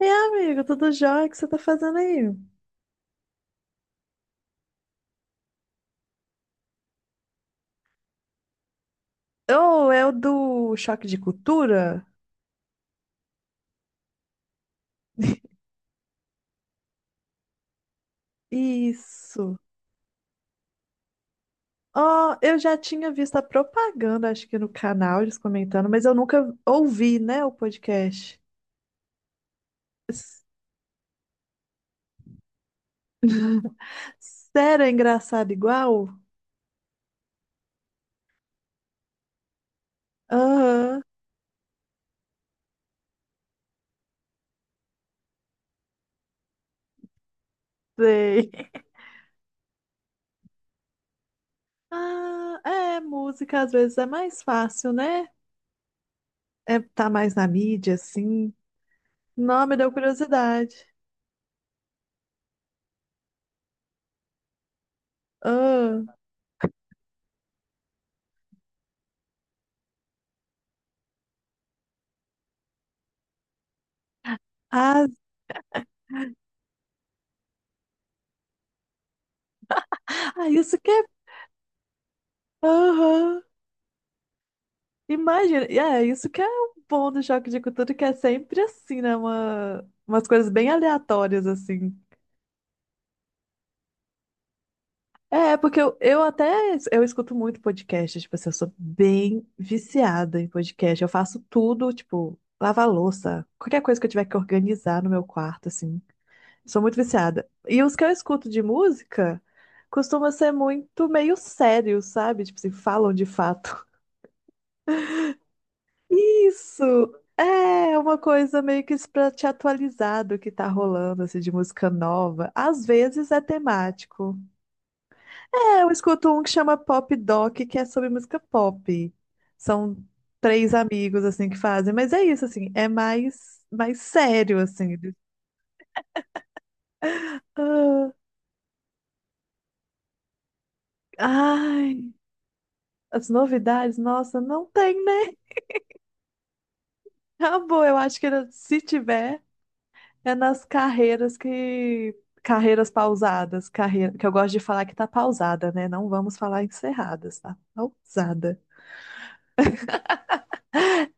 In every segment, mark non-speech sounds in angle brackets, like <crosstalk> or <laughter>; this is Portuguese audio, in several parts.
E amigo, tudo jóia? O que você tá fazendo aí? Oh, é o do choque de cultura? <laughs> Isso. Oh, eu já tinha visto a propaganda, acho que no canal, eles comentando, mas eu nunca ouvi, né, o podcast. S- Sério, é engraçado igual? Aham, sei. Ah, é, música às vezes é mais fácil, né? É, tá mais na mídia, assim. Não, me deu curiosidade. Ah, ah, ah, isso que é. Aham. Imagina, e é isso que é o bom do choque de cultura, que é sempre assim, né? Uma, umas coisas bem aleatórias, assim. É, porque eu escuto muito podcast, tipo assim, eu sou bem viciada em podcast. Eu faço tudo, tipo, lavar louça, qualquer coisa que eu tiver que organizar no meu quarto, assim. Sou muito viciada. E os que eu escuto de música costumam ser muito meio sérios, sabe? Tipo assim, falam de fato. Isso! É uma coisa meio que para te atualizar do que tá rolando, assim, de música nova. Às vezes é temático. É, eu escuto um que chama Pop Doc, que é sobre música pop. São três amigos, assim, que fazem. Mas é isso, assim, é mais sério, assim. Ah, ai, as novidades, nossa, não tem, né? <laughs> Acabou, eu acho que se tiver. É nas carreiras que. Carreiras pausadas, carreira, que eu gosto de falar que tá pausada, né? Não vamos falar encerradas, tá pausada.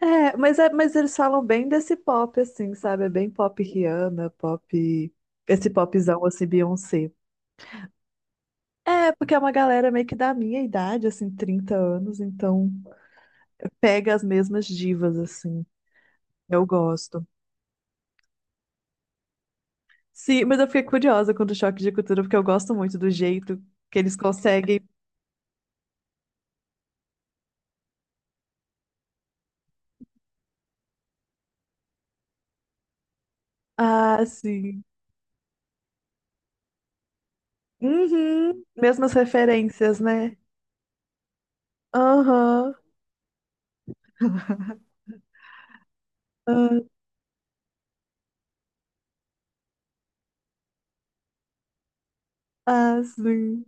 mas eles falam bem desse pop, assim, sabe? É bem pop Rihanna, pop. Esse popzão, assim, Beyoncé. É, porque é uma galera meio que da minha idade, assim, 30 anos, então pega as mesmas divas, assim. Eu gosto. Sim, mas eu fiquei curiosa com o choque de cultura, porque eu gosto muito do jeito que eles conseguem. Ah, sim. Uhum. Mesmas referências, né? Aham. Ah, ah, sim.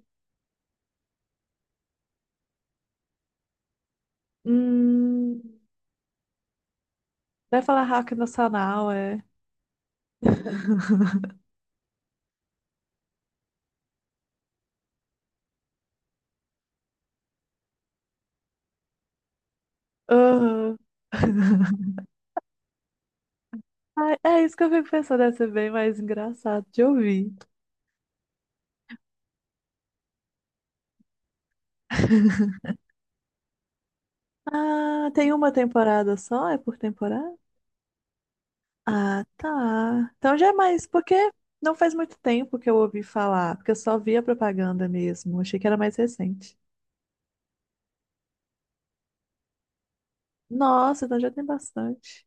Hum. Vai falar rock nacional, é. <laughs> Aham. Ai, é isso que eu fico pensando, deve ser bem mais engraçado de ouvir. Ah, tem uma temporada só? É por temporada? Ah, tá. Então já é mais, porque não faz muito tempo que eu ouvi falar, porque eu só vi a propaganda mesmo. Achei que era mais recente. Nossa, então já tem bastante.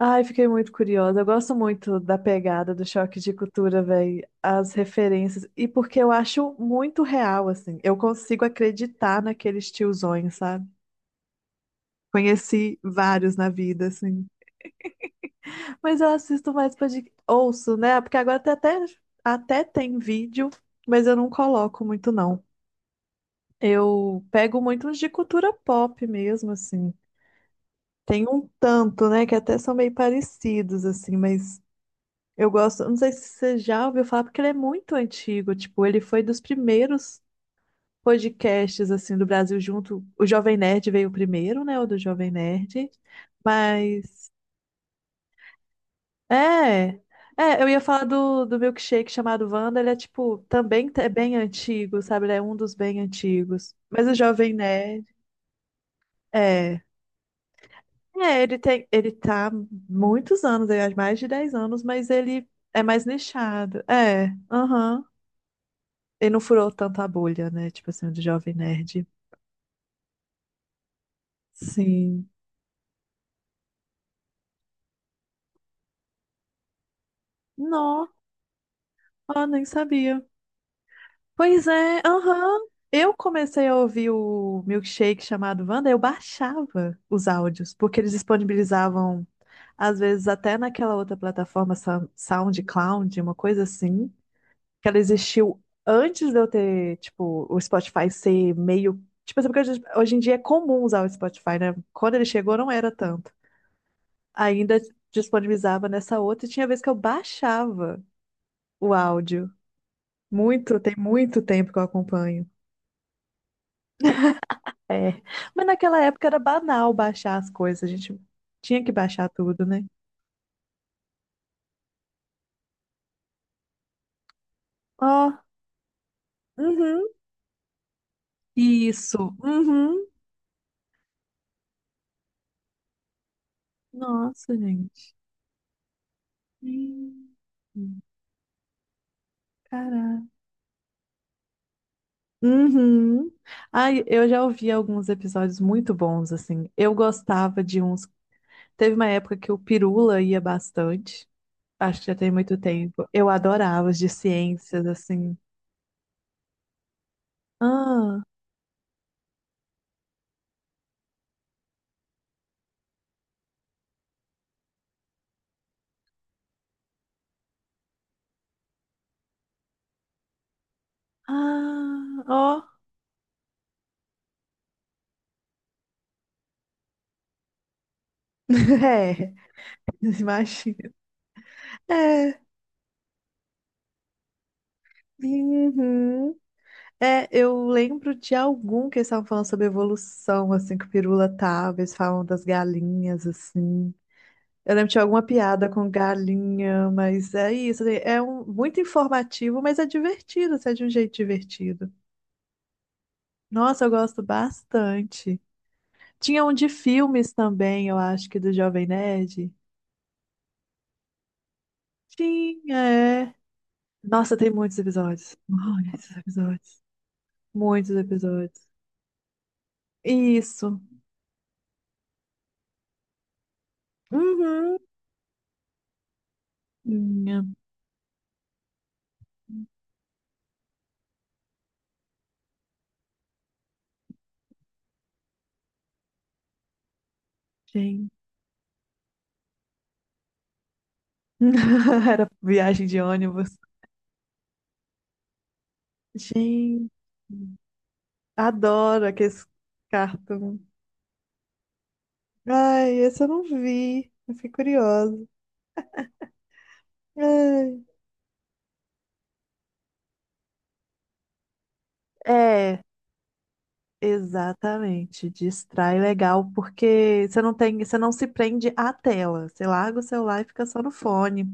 Ai, fiquei muito curiosa. Eu gosto muito da pegada do choque de cultura, velho, as referências. E porque eu acho muito real, assim. Eu consigo acreditar naqueles tiozões, sabe? Conheci vários na vida, assim. Mas eu assisto mais podcast. Ouço, né? Porque agora tem até tem vídeo, mas eu não coloco muito, não. Eu pego muito uns de cultura pop mesmo, assim. Tem um tanto, né? Que até são meio parecidos, assim, mas. Eu gosto, não sei se você já ouviu falar, porque ele é muito antigo. Tipo, ele foi dos primeiros podcasts assim do Brasil junto. O Jovem Nerd veio primeiro, né? O do Jovem Nerd. Mas é, eu ia falar do milkshake chamado Wanda, ele é tipo, também é bem antigo, sabe? Ele é um dos bem antigos. Mas o Jovem Nerd é, ele tá há muitos anos, ele é mais de 10 anos, mas ele é mais nichado. É, aham. Ele não furou tanta bolha, né? Tipo assim, o do Jovem Nerd. Sim. Não. Ah, nem sabia. Pois é, aham. Eu comecei a ouvir o Milkshake chamado Wanda, eu baixava os áudios, porque eles disponibilizavam, às vezes, até naquela outra plataforma, SoundCloud, uma coisa assim, que ela existiu antes de eu ter, tipo, o Spotify ser meio. Tipo assim, porque hoje em dia é comum usar o Spotify, né? Quando ele chegou, não era tanto. Ainda disponibilizava nessa outra, e tinha vez que eu baixava o áudio. Muito, tem muito tempo que eu acompanho. É. Mas naquela época era banal baixar as coisas, a gente tinha que baixar tudo, né? Ó, uhum, isso, uhum. Nossa, gente. Hum, Caraca. Uhum. Ai, eu já ouvi alguns episódios muito bons, assim. Eu gostava de uns. Teve uma época que o Pirula ia bastante. Acho que já tem muito tempo. Eu adorava os de ciências, assim. Ah, ah, ó. <laughs> É, imagina. É, uhum. É, eu lembro de algum que eles estavam falando sobre evolução, assim, que o Pirula tava, eles falam das galinhas, assim. Eu lembro de alguma piada com galinha, mas é isso, assim, é um, muito informativo, mas é divertido, assim, é de um jeito divertido. Nossa, eu gosto bastante. Tinha um de filmes também, eu acho que do Jovem Nerd. Tinha, é. Nossa, tem muitos episódios. Muitos episódios. Muitos episódios. Isso. Uhum. Minha, gente. <laughs> Era viagem de ônibus. Gente, adoro aqueles cartão. Ai, esse eu não vi. Eu fiquei curiosa. Ai. É, exatamente, distrai legal, porque você não tem, você não se prende à tela. Você larga o celular e fica só no fone.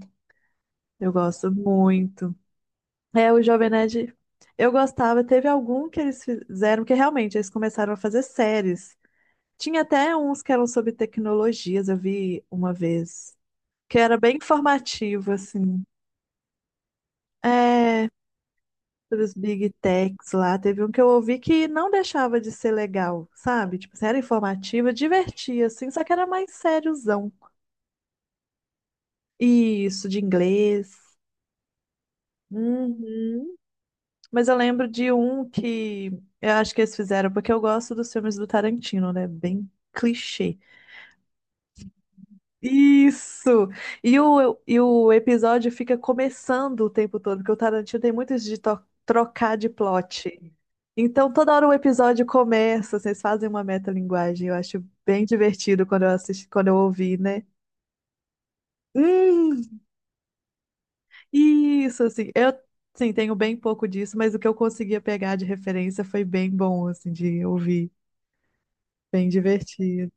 Eu gosto muito. É, o Jovem Nerd, eu gostava. Teve algum que eles fizeram, que realmente eles começaram a fazer séries. Tinha até uns que eram sobre tecnologias, eu vi uma vez, que era bem informativo, assim. É, dos big techs lá. Teve um que eu ouvi que não deixava de ser legal, sabe? Tipo, assim, era informativa, divertia, assim, só que era mais sériozão. Isso, de inglês. Uhum. Mas eu lembro de um que eu acho que eles fizeram, porque eu gosto dos filmes do Tarantino, né? Bem clichê. Isso! E o episódio fica começando o tempo todo, porque o Tarantino tem muito isso de trocar de plot. Então, toda hora o episódio começa, vocês fazem uma metalinguagem. Eu acho bem divertido quando eu assisti, quando eu ouvi, né? Hum, isso, assim, eu sim, tenho bem pouco disso, mas o que eu conseguia pegar de referência foi bem bom, assim, de ouvir. Bem divertido.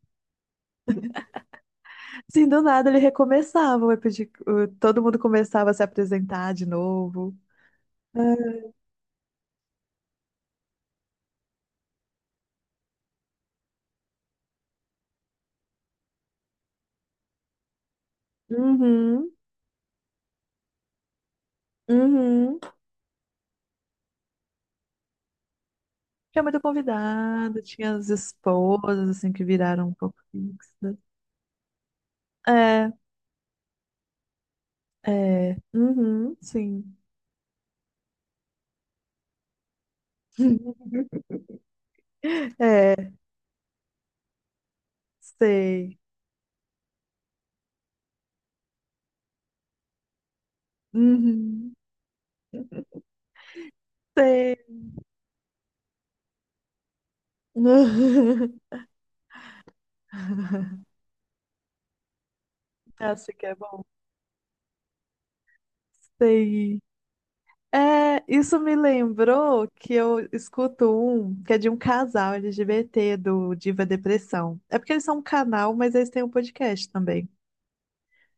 Assim, do nada ele recomeçava, todo mundo começava a se apresentar de novo. Uhum, uhum. Tinha muito convidado, tinha as esposas, assim, que viraram um pouco fixas. É, é, uhum, sim. <laughs> É, sei. Uhum, sei. <laughs> Acho que é bom. Sei. É, isso me lembrou que eu escuto um que é de um casal LGBT do Diva Depressão. É porque eles são um canal, mas eles têm um podcast também.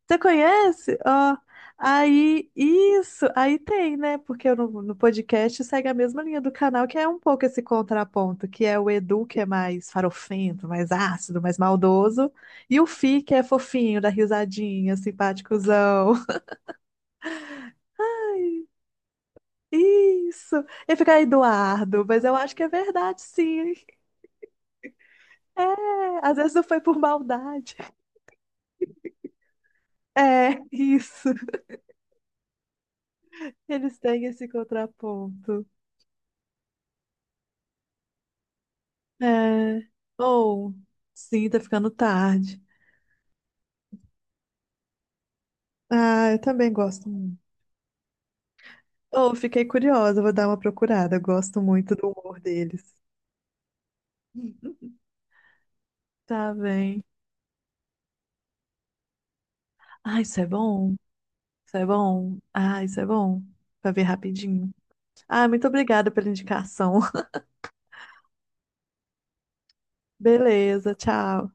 Você conhece? Ó, aí, isso, aí tem, né? Porque no podcast segue a mesma linha do canal, que é um pouco esse contraponto, que é o Edu, que é mais farofento, mais ácido, mais maldoso, e o Fi, que é fofinho, dá risadinha, simpáticozão. <laughs> Isso! E fica Eduardo, mas eu acho que é verdade, sim. É, às vezes não foi por maldade. É, isso. Eles têm esse contraponto. É. Ou, sim, tá ficando tarde. Ah, eu também gosto muito. Ou, fiquei curiosa, vou dar uma procurada. Eu gosto muito do humor deles. <laughs> Tá bem. Ah, isso é bom. Isso é bom. Ah, isso é bom. Pra ver rapidinho. Ah, muito obrigada pela indicação. <laughs> Beleza, tchau.